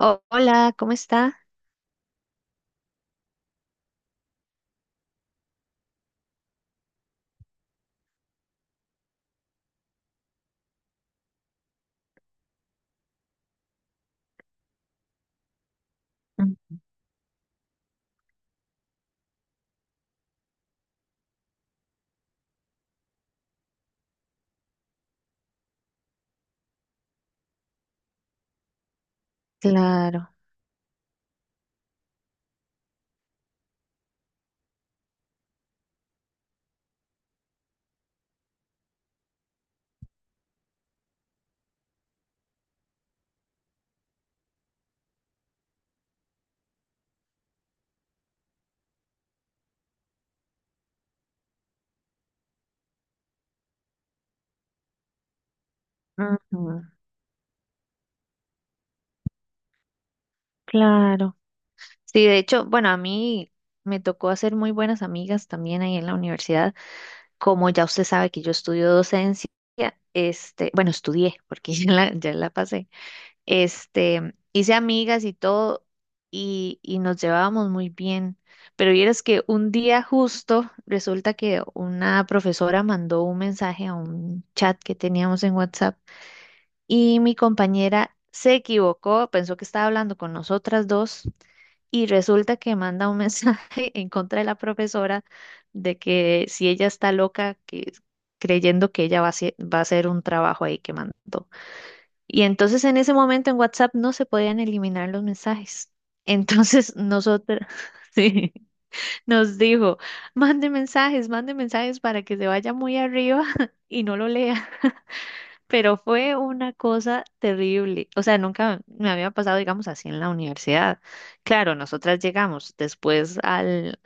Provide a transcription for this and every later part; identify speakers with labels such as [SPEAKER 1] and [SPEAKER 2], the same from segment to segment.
[SPEAKER 1] Hola, ¿cómo está? Claro, ujú, claro. Sí, de hecho, bueno, a mí me tocó hacer muy buenas amigas también ahí en la universidad. Como ya usted sabe que yo estudio docencia, este, bueno, estudié porque ya la pasé. Este, hice amigas y todo y nos llevábamos muy bien. Pero vieras que un día justo resulta que una profesora mandó un mensaje a un chat que teníamos en WhatsApp y mi compañera se equivocó, pensó que estaba hablando con nosotras dos y resulta que manda un mensaje en contra de la profesora de que si ella está loca, que creyendo que ella va a hacer un trabajo ahí que mandó. Y entonces en ese momento en WhatsApp no se podían eliminar los mensajes. Entonces nosotros sí, nos dijo, mande mensajes para que se vaya muy arriba y no lo lea. Pero fue una cosa terrible. O sea, nunca me había pasado, digamos, así en la universidad. Claro, nosotras llegamos después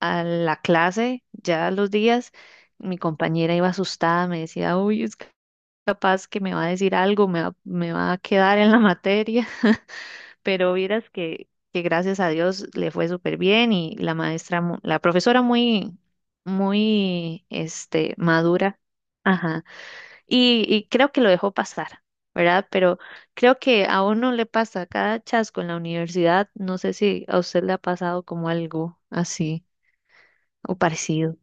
[SPEAKER 1] a la clase, ya los días, mi compañera iba asustada, me decía, uy, es capaz que me va a decir algo, me va a quedar en la materia. Pero vieras que gracias a Dios le fue súper bien y la maestra, la profesora muy, muy, este, madura. Ajá. Y creo que lo dejó pasar, ¿verdad? Pero creo que a uno le pasa cada chasco en la universidad. No sé si a usted le ha pasado como algo así o parecido.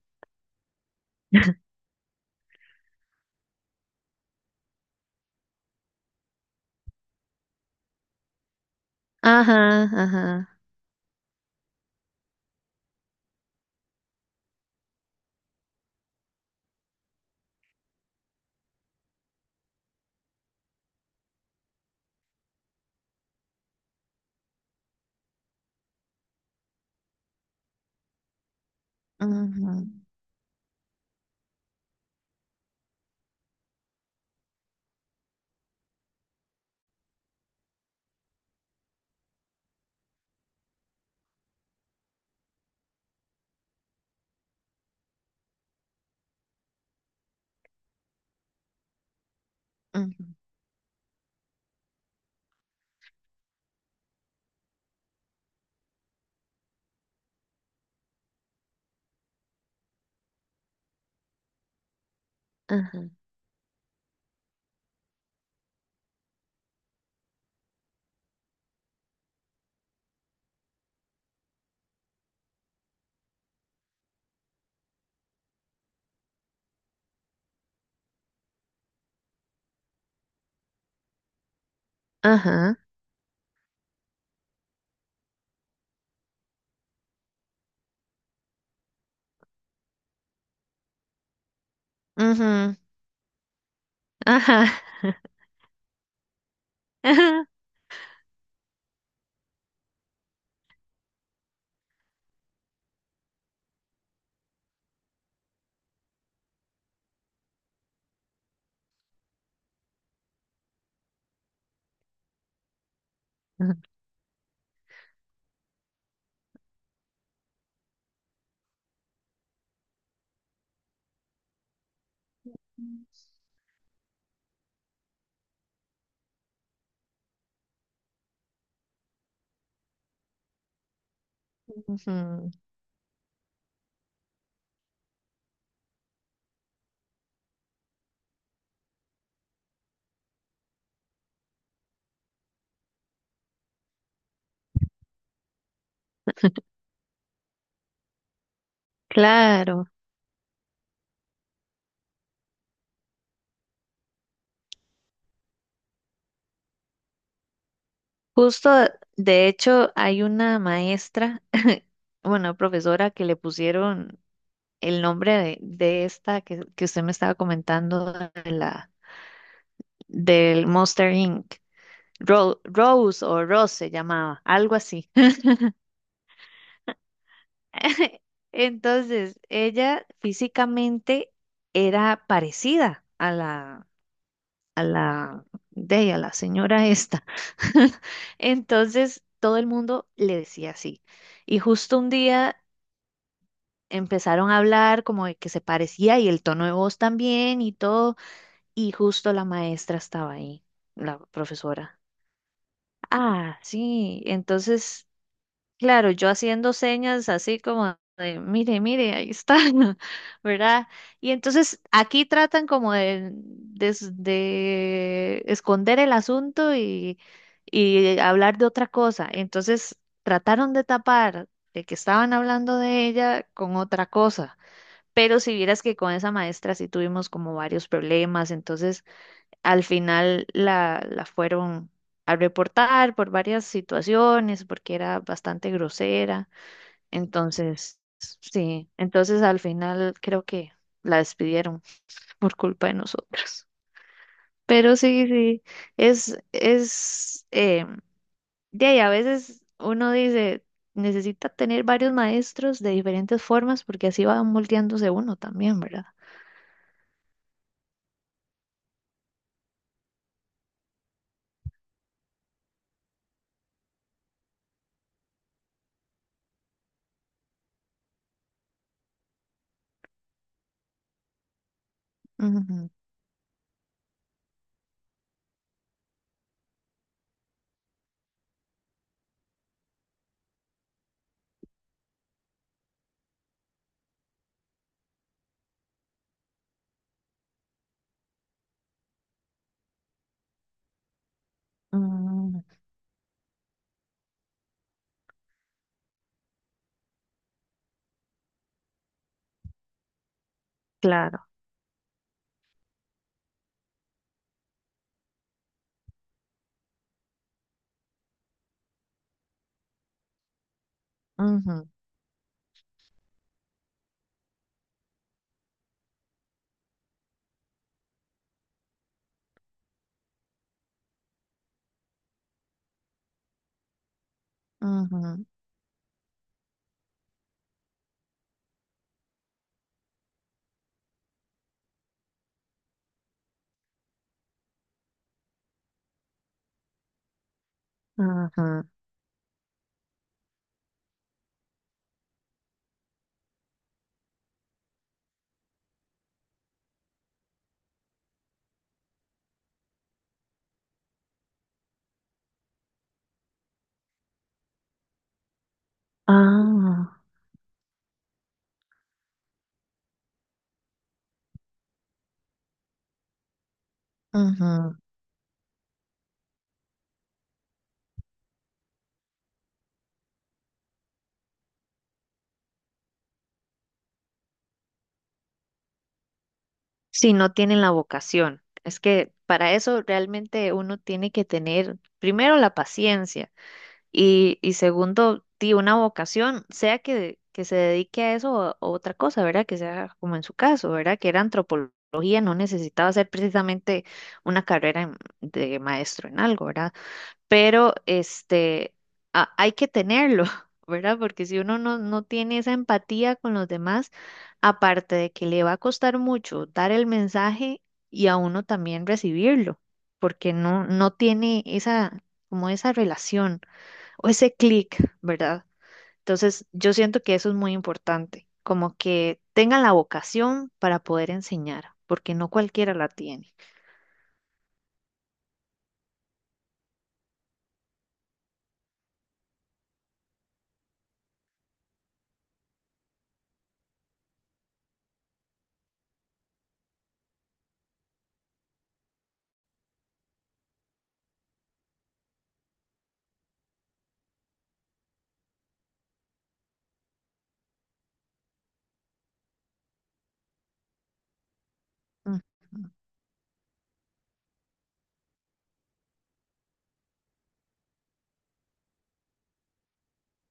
[SPEAKER 1] Ajá, ajá, ajá, ajá, ajá, ajá, ajá, ajá. Ujú, claro, justo de hecho hay una maestra, bueno, profesora que le pusieron el nombre de esta que usted me estaba comentando, del Monster Inc. Rose o Rose se llamaba, algo así. Entonces, ella físicamente era parecida a la, de ella, la señora esta. Entonces, todo el mundo le decía así. Y justo un día empezaron a hablar como de que se parecía y el tono de voz también y todo. Y justo la maestra estaba ahí, la profesora. Ah, sí. Entonces, claro, yo haciendo señas así como de, mire, mire, ahí está, ¿verdad? Y entonces aquí tratan como de esconder el asunto y hablar de otra cosa. Entonces, trataron de tapar de que estaban hablando de ella con otra cosa. Pero si vieras que con esa maestra sí tuvimos como varios problemas, entonces. Al final la fueron a reportar por varias situaciones, porque era bastante grosera. Entonces, sí, entonces al final creo que la despidieron por culpa de nosotros. Pero sí, sí, es, es, eh, de ahí a veces uno dice, necesita tener varios maestros de diferentes formas, porque así va moldeándose uno también, ¿verdad? Ujú, ujú, claro. Ujú, ujú, ujú. Ah, ujú. Si no tienen la vocación. Es que para eso realmente uno tiene que tener primero la paciencia y segundo, di una vocación, sea que se dedique a eso o a otra cosa, ¿verdad? Que sea como en su caso, ¿verdad? Que era antropología, no necesitaba ser precisamente una carrera de maestro en algo, ¿verdad? Pero este, hay que tenerlo, ¿verdad? Porque si uno no tiene esa empatía con los demás, aparte de que le va a costar mucho dar el mensaje y a uno también recibirlo, porque no tiene esa, como esa relación o ese clic, ¿verdad? Entonces, yo siento que eso es muy importante, como que tengan la vocación para poder enseñar, porque no cualquiera la tiene. Ujú,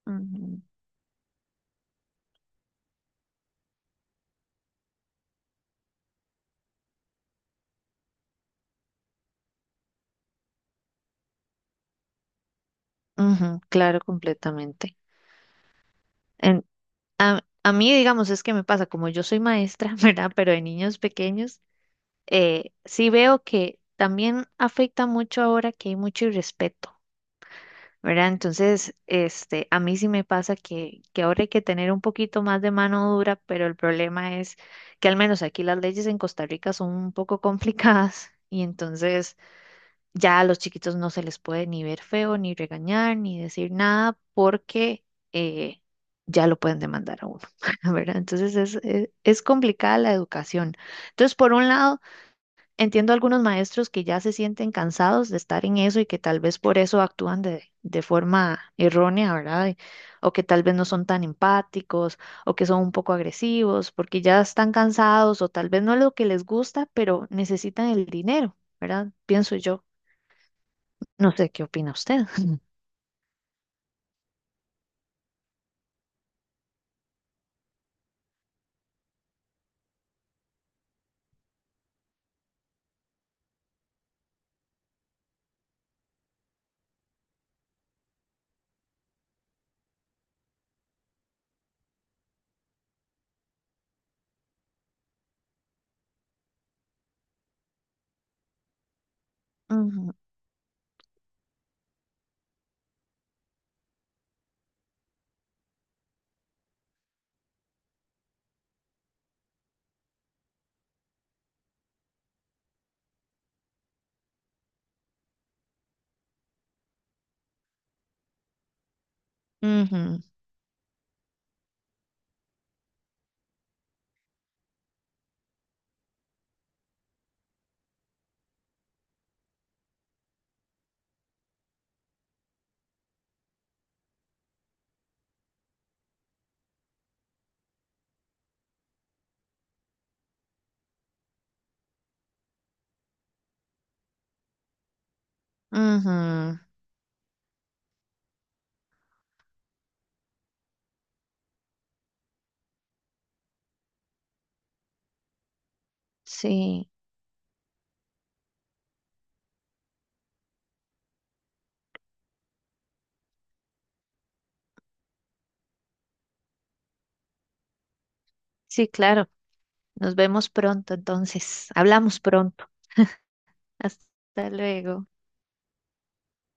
[SPEAKER 1] ujú, ujú, claro, completamente. A mí, digamos, es que me pasa, como yo soy maestra, ¿verdad? Pero de niños pequeños, sí veo que también afecta mucho ahora que hay mucho irrespeto, ¿verdad? Entonces, este, a mí sí me pasa que ahora hay que tener un poquito más de mano dura, pero el problema es que al menos aquí las leyes en Costa Rica son un poco complicadas y entonces ya a los chiquitos no se les puede ni ver feo, ni regañar, ni decir nada, porque eh, ya lo pueden demandar a uno, ¿verdad? Entonces es, es complicada la educación. Entonces, por un lado, entiendo a algunos maestros que ya se sienten cansados de estar en eso y que tal vez por eso actúan de forma errónea, ¿verdad? O que tal vez no son tan empáticos o que son un poco agresivos porque ya están cansados o tal vez no es lo que les gusta, pero necesitan el dinero, ¿verdad? Pienso yo. No sé qué opina usted. Ujú, ujú, ujú. Sí, sí, claro. Nos vemos pronto, entonces. Hablamos pronto. Hasta luego.